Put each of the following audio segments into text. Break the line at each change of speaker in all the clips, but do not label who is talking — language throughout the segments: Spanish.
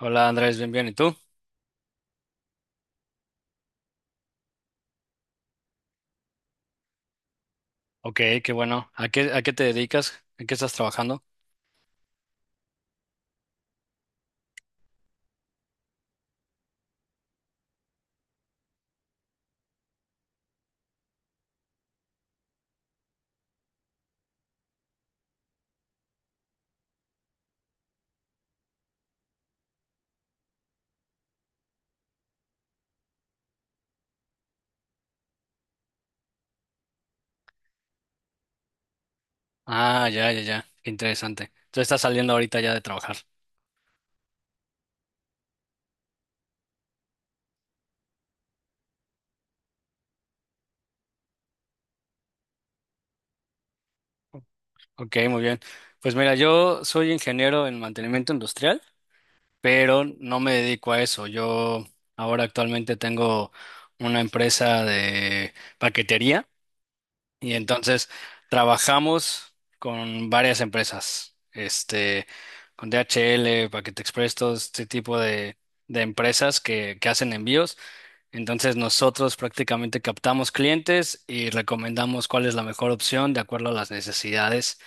Hola Andrés, bien, bien. ¿Y tú? Ok, qué bueno. A qué te dedicas? ¿En qué estás trabajando? Ah, ya, ya, ya. Qué interesante. Entonces estás saliendo ahorita ya de trabajar. Ok, muy bien. Pues mira, yo soy ingeniero en mantenimiento industrial, pero no me dedico a eso. Yo ahora actualmente tengo una empresa de paquetería. Y entonces trabajamos con varias empresas, con DHL, Paquete Express, todo este tipo de empresas que hacen envíos. Entonces nosotros prácticamente captamos clientes y recomendamos cuál es la mejor opción de acuerdo a las necesidades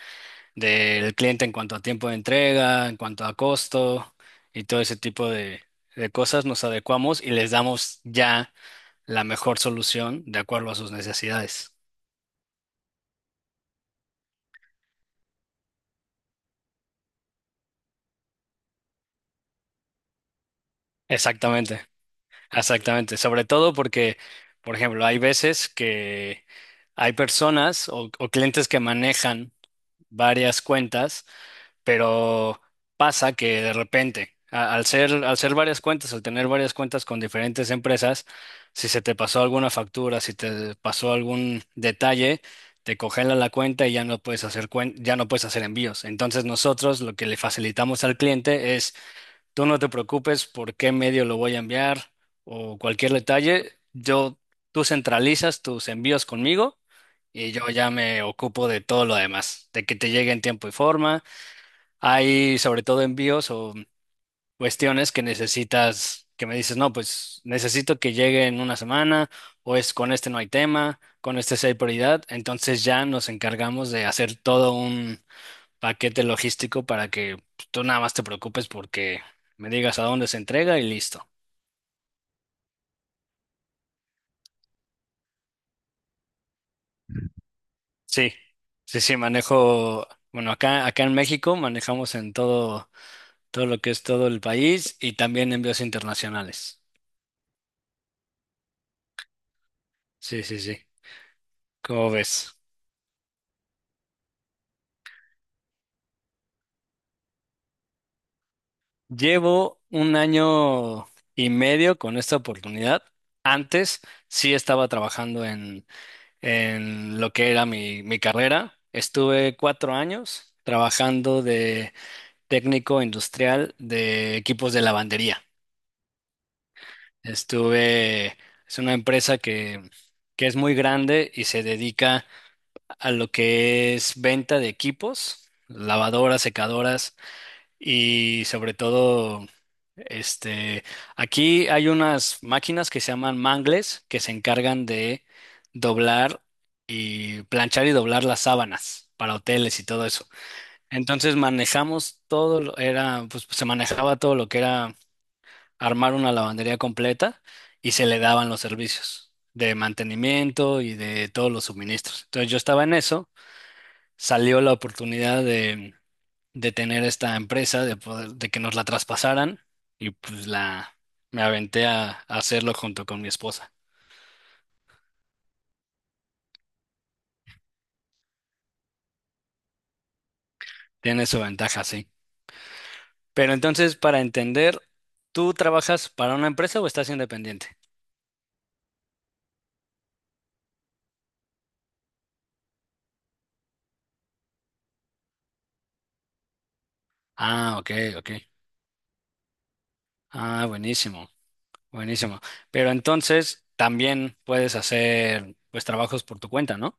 del cliente en cuanto a tiempo de entrega, en cuanto a costo y todo ese tipo de cosas. Nos adecuamos y les damos ya la mejor solución de acuerdo a sus necesidades. Exactamente. Exactamente, sobre todo porque, por ejemplo, hay veces que hay personas o clientes que manejan varias cuentas, pero pasa que de repente, al ser varias cuentas, al tener varias cuentas con diferentes empresas, si se te pasó alguna factura, si te pasó algún detalle, te congelan la cuenta y ya no puedes ya no puedes hacer envíos. Entonces nosotros lo que le facilitamos al cliente es: tú no te preocupes por qué medio lo voy a enviar o cualquier detalle. Yo, tú centralizas tus envíos conmigo y yo ya me ocupo de todo lo demás, de que te llegue en tiempo y forma. Hay sobre todo envíos o cuestiones que necesitas, que me dices, no, pues necesito que llegue en una semana o es con este no hay tema, con este sí hay prioridad. Entonces ya nos encargamos de hacer todo paquete logístico para que pues, tú nada más te preocupes porque me digas a dónde se entrega y listo. Sí, sí, sí, manejo, bueno, acá en México manejamos en todo, todo lo que es todo el país y también envíos internacionales. Sí, sí, sí. ¿Cómo ves? Llevo un año y medio con esta oportunidad. Antes sí estaba trabajando en lo que era mi, mi carrera. Estuve cuatro años trabajando de técnico industrial de equipos de lavandería. Estuve, es una empresa que es muy grande y se dedica a lo que es venta de equipos, lavadoras, secadoras y sobre todo, este, aquí hay unas máquinas que se llaman mangles que se encargan de doblar y planchar y doblar las sábanas para hoteles y todo eso. Entonces manejamos todo, era, pues se manejaba todo lo que era armar una lavandería completa y se le daban los servicios de mantenimiento y de todos los suministros. Entonces yo estaba en eso, salió la oportunidad de tener esta empresa, de poder, de que nos la traspasaran y pues la me aventé a hacerlo junto con mi esposa. Tiene su ventaja, sí. Pero entonces, para entender, ¿tú trabajas para una empresa o estás independiente? Ah, ok, ok. Ah, buenísimo. Buenísimo. Pero entonces también puedes hacer pues trabajos por tu cuenta, ¿no?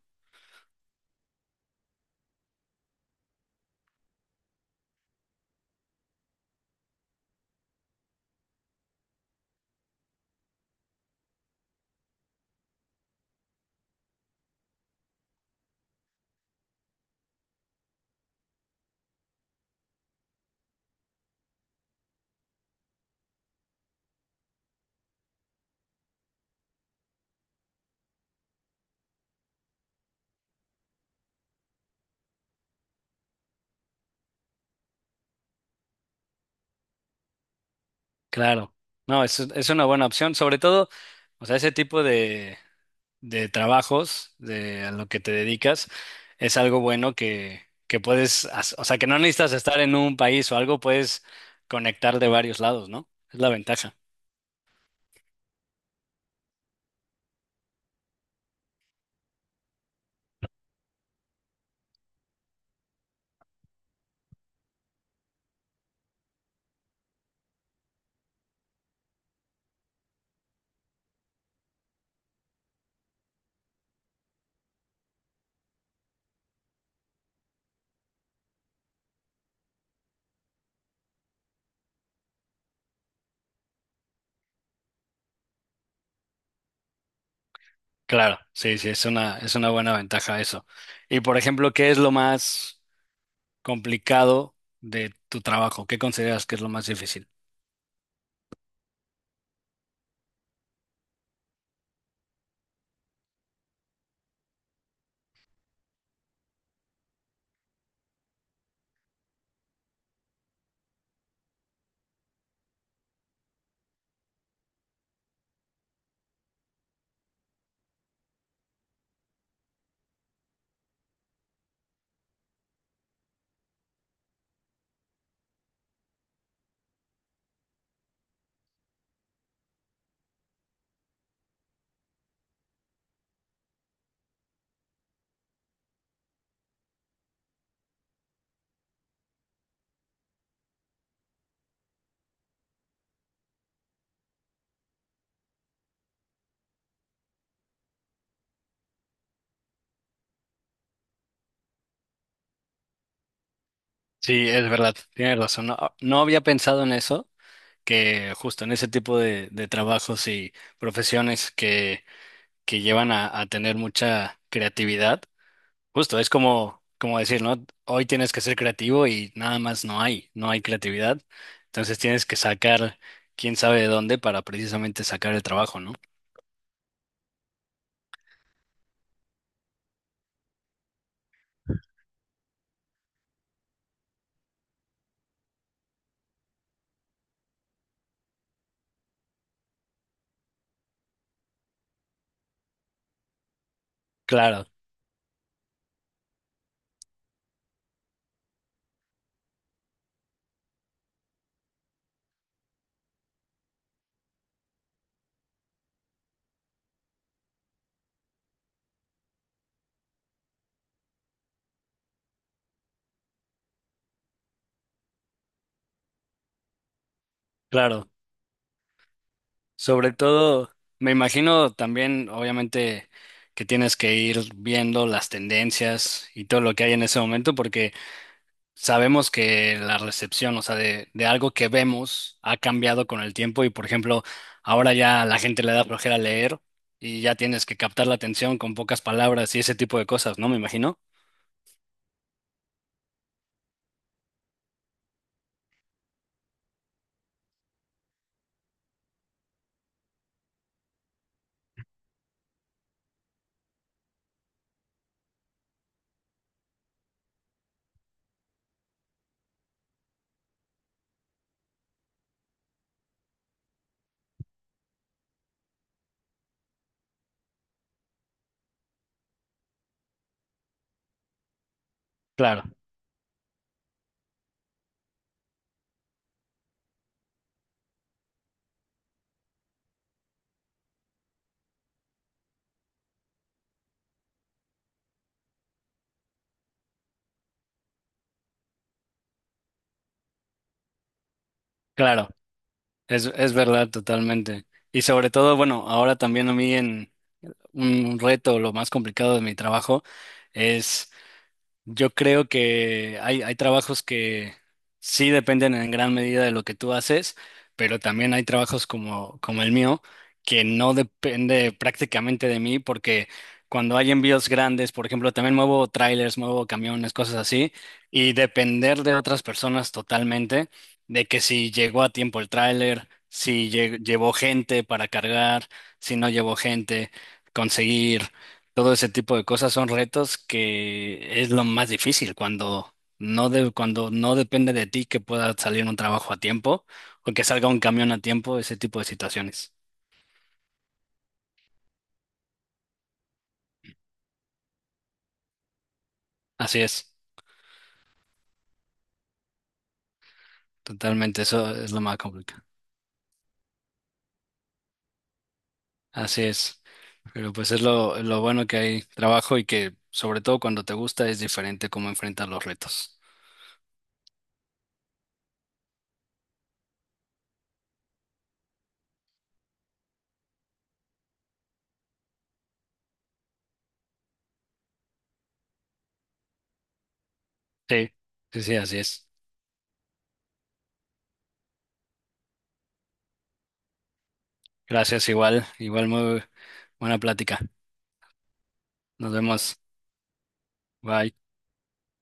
Claro. No, es una buena opción. Sobre todo, o sea, ese tipo de trabajos de a lo que te dedicas es algo bueno que puedes, o sea, que no necesitas estar en un país o algo, puedes conectar de varios lados, ¿no? Es la ventaja. Claro, sí, sí, es una buena ventaja eso. Y por ejemplo, ¿qué es lo más complicado de tu trabajo? ¿Qué consideras que es lo más difícil? Sí, es verdad, tienes razón. No, no había pensado en eso, que justo en ese tipo de trabajos y profesiones que llevan a tener mucha creatividad, justo es como, como decir, ¿no? Hoy tienes que ser creativo y nada más no hay, no hay creatividad. Entonces tienes que sacar quién sabe de dónde para precisamente sacar el trabajo, ¿no? Claro, claro. Sobre todo, me imagino también, obviamente, que tienes que ir viendo las tendencias y todo lo que hay en ese momento, porque sabemos que la recepción, o sea, de algo que vemos ha cambiado con el tiempo y, por ejemplo, ahora ya a la gente le da flojera leer y ya tienes que captar la atención con pocas palabras y ese tipo de cosas, ¿no? Me imagino. Claro, claro, es verdad totalmente. Y sobre todo, bueno, ahora también a mí en un reto, lo más complicado de mi trabajo es... Yo creo que hay trabajos que sí dependen en gran medida de lo que tú haces, pero también hay trabajos como, como el mío que no depende prácticamente de mí porque cuando hay envíos grandes, por ejemplo, también muevo trailers, muevo camiones, cosas así, y depender de otras personas totalmente, de que si llegó a tiempo el tráiler, si llevó gente para cargar, si no llevó gente, conseguir. Todo ese tipo de cosas son retos que es lo más difícil cuando cuando no depende de ti que pueda salir un trabajo a tiempo o que salga un camión a tiempo, ese tipo de situaciones. Así es, totalmente, eso es lo más complicado. Así es, pero pues es lo bueno que hay trabajo y que sobre todo cuando te gusta es diferente cómo enfrentar los retos. Sí, sí, sí, así es. Gracias, igual, igual muy buena plática. Nos vemos. Bye.